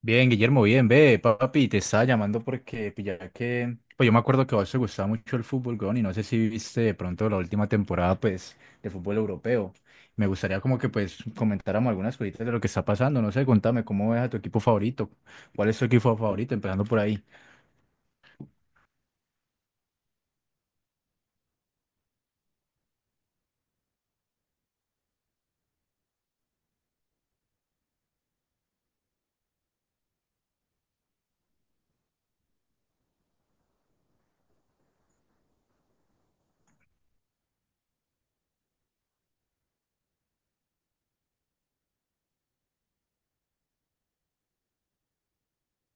Bien, Guillermo, bien, ve, papi, te estaba llamando porque pilla que, pues yo me acuerdo que a vos te gustaba mucho el fútbol, weón, y no sé si viste de pronto la última temporada, pues, de fútbol europeo. Me gustaría como que, pues, comentáramos algunas cositas de lo que está pasando, no sé, contame, ¿cómo es a tu equipo favorito? ¿Cuál es tu equipo favorito? Empezando por ahí.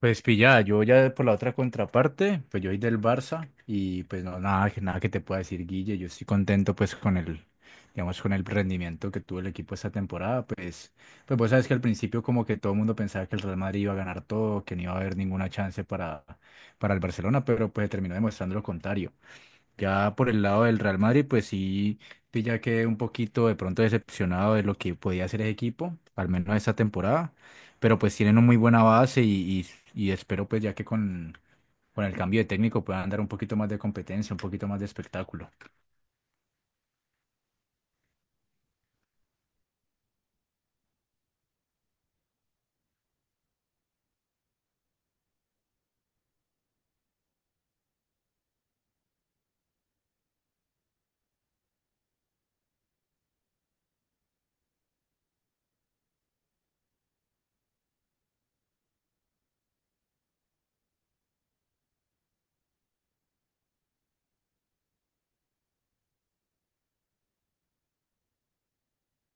Pues pillada, yo ya por la otra contraparte, pues yo soy del Barça y pues no, nada, nada que te pueda decir, Guille, yo estoy contento pues con el, digamos, con el rendimiento que tuvo el equipo esta temporada, pues, pues vos sabes que al principio como que todo el mundo pensaba que el Real Madrid iba a ganar todo, que no iba a haber ninguna chance para el Barcelona, pero pues terminó demostrando lo contrario. Ya por el lado del Real Madrid, pues sí, sí ya quedé un poquito de pronto decepcionado de lo que podía hacer ese equipo, al menos esta temporada, pero pues tienen una muy buena base y espero pues ya que con el cambio de técnico puedan dar un poquito más de competencia, un poquito más de espectáculo.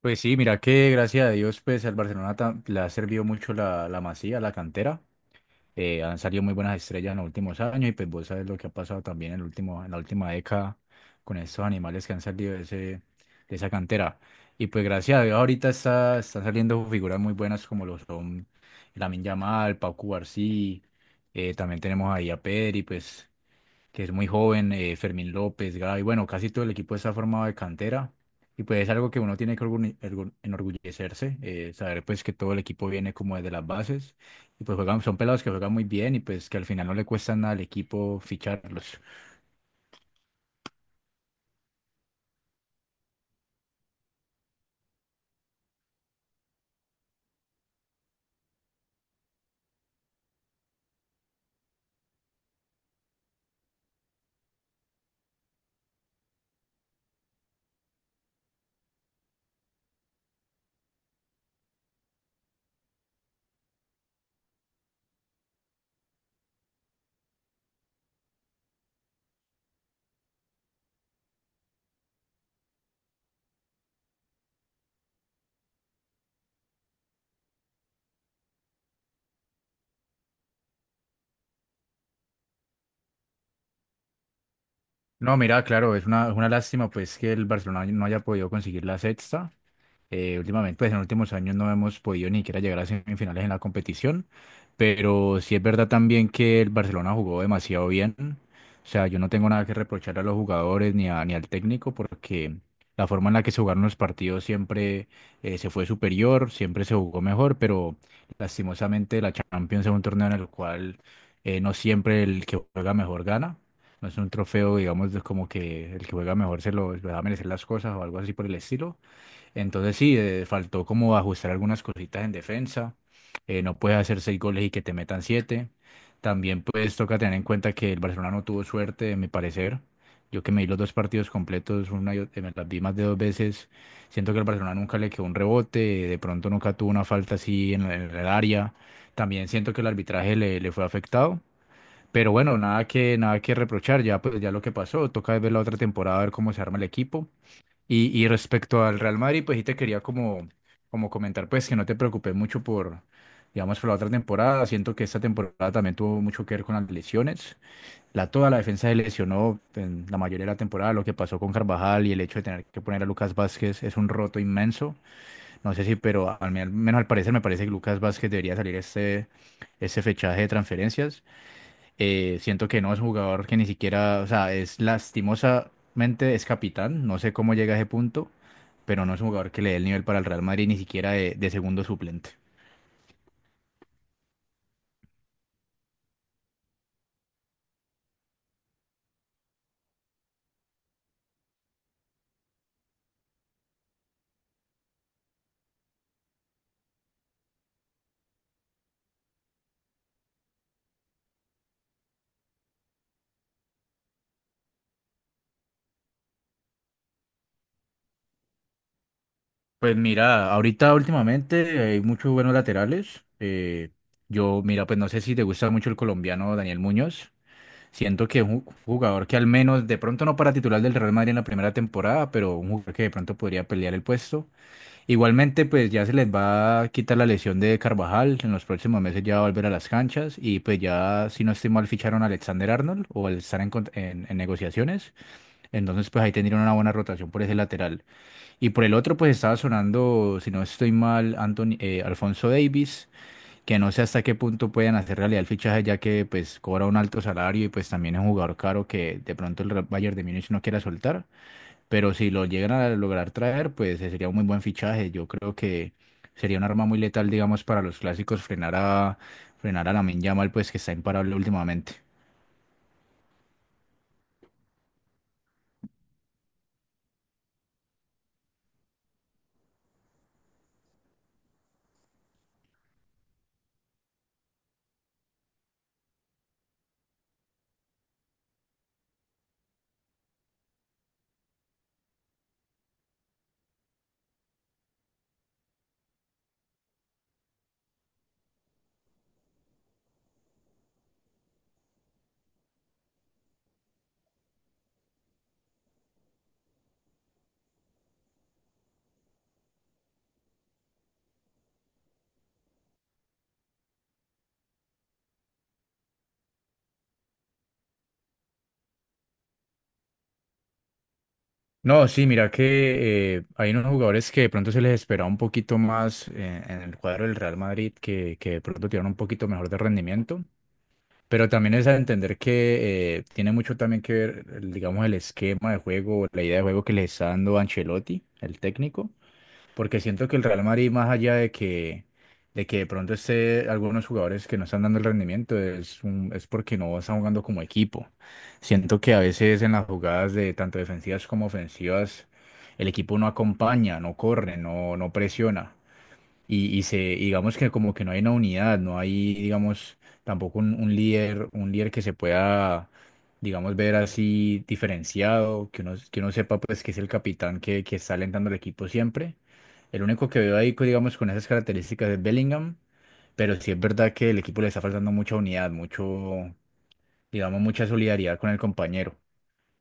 Pues sí, mira que gracias a Dios pues al Barcelona le ha servido mucho la, la Masía, la cantera. Han salido muy buenas estrellas en los últimos años y pues vos sabes lo que ha pasado también en el último, en la última década con estos animales que han salido de, ese, de esa cantera. Y pues gracias a Dios ahorita está, están saliendo figuras muy buenas como lo son Lamine Yamal, Pau Cubarsí, también tenemos ahí a Pedri, pues que es muy joven, Fermín López, Gaby, bueno, casi todo el equipo está formado de cantera y pues es algo que uno tiene que enorgullecerse, saber pues que todo el equipo viene como desde las bases y pues juegan, son pelados que juegan muy bien y pues que al final no le cuesta nada al equipo ficharlos. No, mira, claro, es una lástima pues que el Barcelona no haya podido conseguir la sexta. Últimamente, pues en los últimos años no hemos podido ni siquiera llegar a semifinales en la competición, pero sí es verdad también que el Barcelona jugó demasiado bien. O sea, yo no tengo nada que reprochar a los jugadores ni ni al técnico porque la forma en la que se jugaron los partidos siempre se fue superior, siempre se jugó mejor, pero lastimosamente la Champions es un torneo en el cual no siempre el que juega mejor gana. No es un trofeo, digamos, de como que el que juega mejor se lo va a merecer las cosas o algo así por el estilo. Entonces sí, faltó como ajustar algunas cositas en defensa. No puedes hacer seis goles y que te metan siete. También pues toca tener en cuenta que el Barcelona no tuvo suerte, en mi parecer. Yo que me vi los dos partidos completos, me las vi más de dos veces. Siento que el Barcelona nunca le quedó un rebote, de pronto nunca tuvo una falta así en el área. También siento que el arbitraje le, le fue afectado. Pero bueno, nada que, nada que reprochar, ya, pues, ya lo que pasó, toca ver la otra temporada, a ver cómo se arma el equipo y respecto al Real Madrid, pues sí te quería como, como comentar, pues que no te preocupes mucho por, digamos, por la otra temporada. Siento que esta temporada también tuvo mucho que ver con las lesiones. La, toda la defensa se lesionó en la mayoría de la temporada. Lo que pasó con Carvajal y el hecho de tener que poner a Lucas Vázquez es un roto inmenso. No sé si, pero menos al parecer me parece que Lucas Vázquez debería salir este, este fechaje de transferencias. Siento que no es un jugador que ni siquiera, o sea, es lastimosamente es capitán, no sé cómo llega a ese punto, pero no es un jugador que le dé el nivel para el Real Madrid ni siquiera de segundo suplente. Pues mira, ahorita últimamente hay muchos buenos laterales. Yo, mira, pues no sé si te gusta mucho el colombiano Daniel Muñoz. Siento que es un jugador que al menos, de pronto no para titular del Real Madrid en la primera temporada, pero un jugador que de pronto podría pelear el puesto. Igualmente, pues ya se les va a quitar la lesión de Carvajal. En los próximos meses ya va a volver a las canchas. Y pues ya, si no estoy mal, ficharon a Alexander Arnold o al estar en negociaciones. Entonces, pues ahí tendrían una buena rotación por ese lateral. Y por el otro, pues estaba sonando, si no estoy mal, Anthony, Alfonso Davis, que no sé hasta qué punto pueden hacer realidad el fichaje, ya que pues cobra un alto salario y pues también es un jugador caro que de pronto el Bayern de Múnich no quiera soltar. Pero si lo llegan a lograr traer, pues sería un muy buen fichaje. Yo creo que sería un arma muy letal, digamos, para los clásicos frenar a frenar a Lamine Yamal, pues que está imparable últimamente. No, sí, mira que hay unos jugadores que de pronto se les esperaba un poquito más en el cuadro del Real Madrid, que de pronto tienen un poquito mejor de rendimiento, pero también es a entender que tiene mucho también que ver, digamos, el esquema de juego, la idea de juego que les está dando Ancelotti, el técnico. Porque siento que el Real Madrid, más allá de que, de que de pronto esté algunos jugadores que no están dando el rendimiento, es porque no están jugando como equipo. Siento que a veces en las jugadas de tanto defensivas como ofensivas, el equipo no acompaña, no corre, no, no presiona. Y digamos que como que no hay una unidad, no hay, digamos, tampoco un, un líder que se pueda, digamos, ver así diferenciado, que uno sepa pues que es el capitán que está alentando al equipo siempre. El único que veo ahí, digamos, con esas características es Bellingham, pero sí es verdad que el equipo le está faltando mucha unidad, mucho, digamos, mucha solidaridad con el compañero.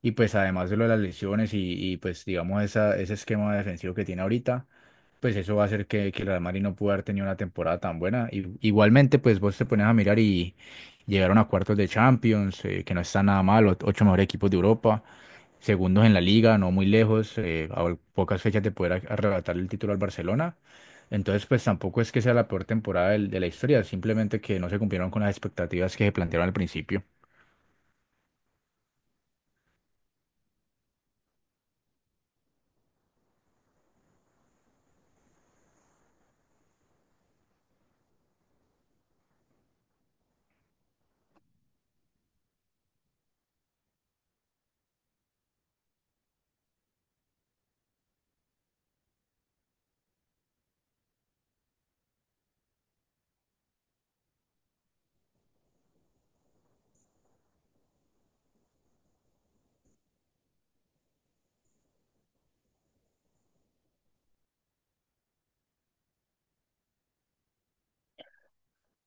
Y pues además de lo de las lesiones pues digamos esa, ese esquema defensivo que tiene ahorita, pues eso va a hacer que el Real Madrid no pueda haber tenido una temporada tan buena. Y, igualmente pues vos te pones a mirar y llegaron a cuartos de Champions, que no está nada mal, ocho mejores equipos de Europa, segundos en la liga, no muy lejos, a pocas fechas de poder arrebatar el título al Barcelona. Entonces pues tampoco es que sea la peor temporada de la historia, simplemente que no se cumplieron con las expectativas que se plantearon al principio.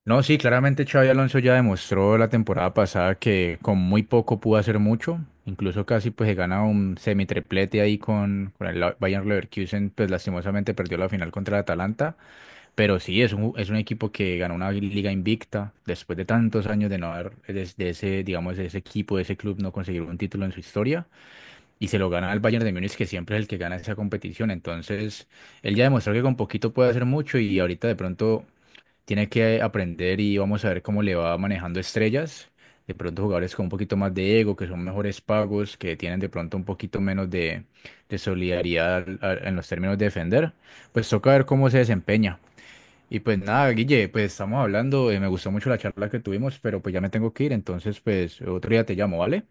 No, sí, claramente Xavi Alonso ya demostró la temporada pasada que con muy poco pudo hacer mucho, incluso casi pues se gana un semitriplete ahí con el Bayern Leverkusen, pues lastimosamente perdió la final contra el Atalanta, pero sí, es un equipo que ganó una liga invicta después de tantos años de no haber, de ese, digamos, de ese equipo, de ese club no conseguir un título en su historia, y se lo gana al Bayern de Múnich, que siempre es el que gana esa competición, entonces él ya demostró que con poquito puede hacer mucho y ahorita de pronto tiene que aprender y vamos a ver cómo le va manejando estrellas. De pronto jugadores con un poquito más de ego, que son mejores pagos, que tienen de pronto un poquito menos de solidaridad en los términos de defender. Pues toca ver cómo se desempeña. Y pues nada, Guille, pues estamos hablando, me gustó mucho la charla que tuvimos, pero pues ya me tengo que ir, entonces pues otro día te llamo, ¿vale?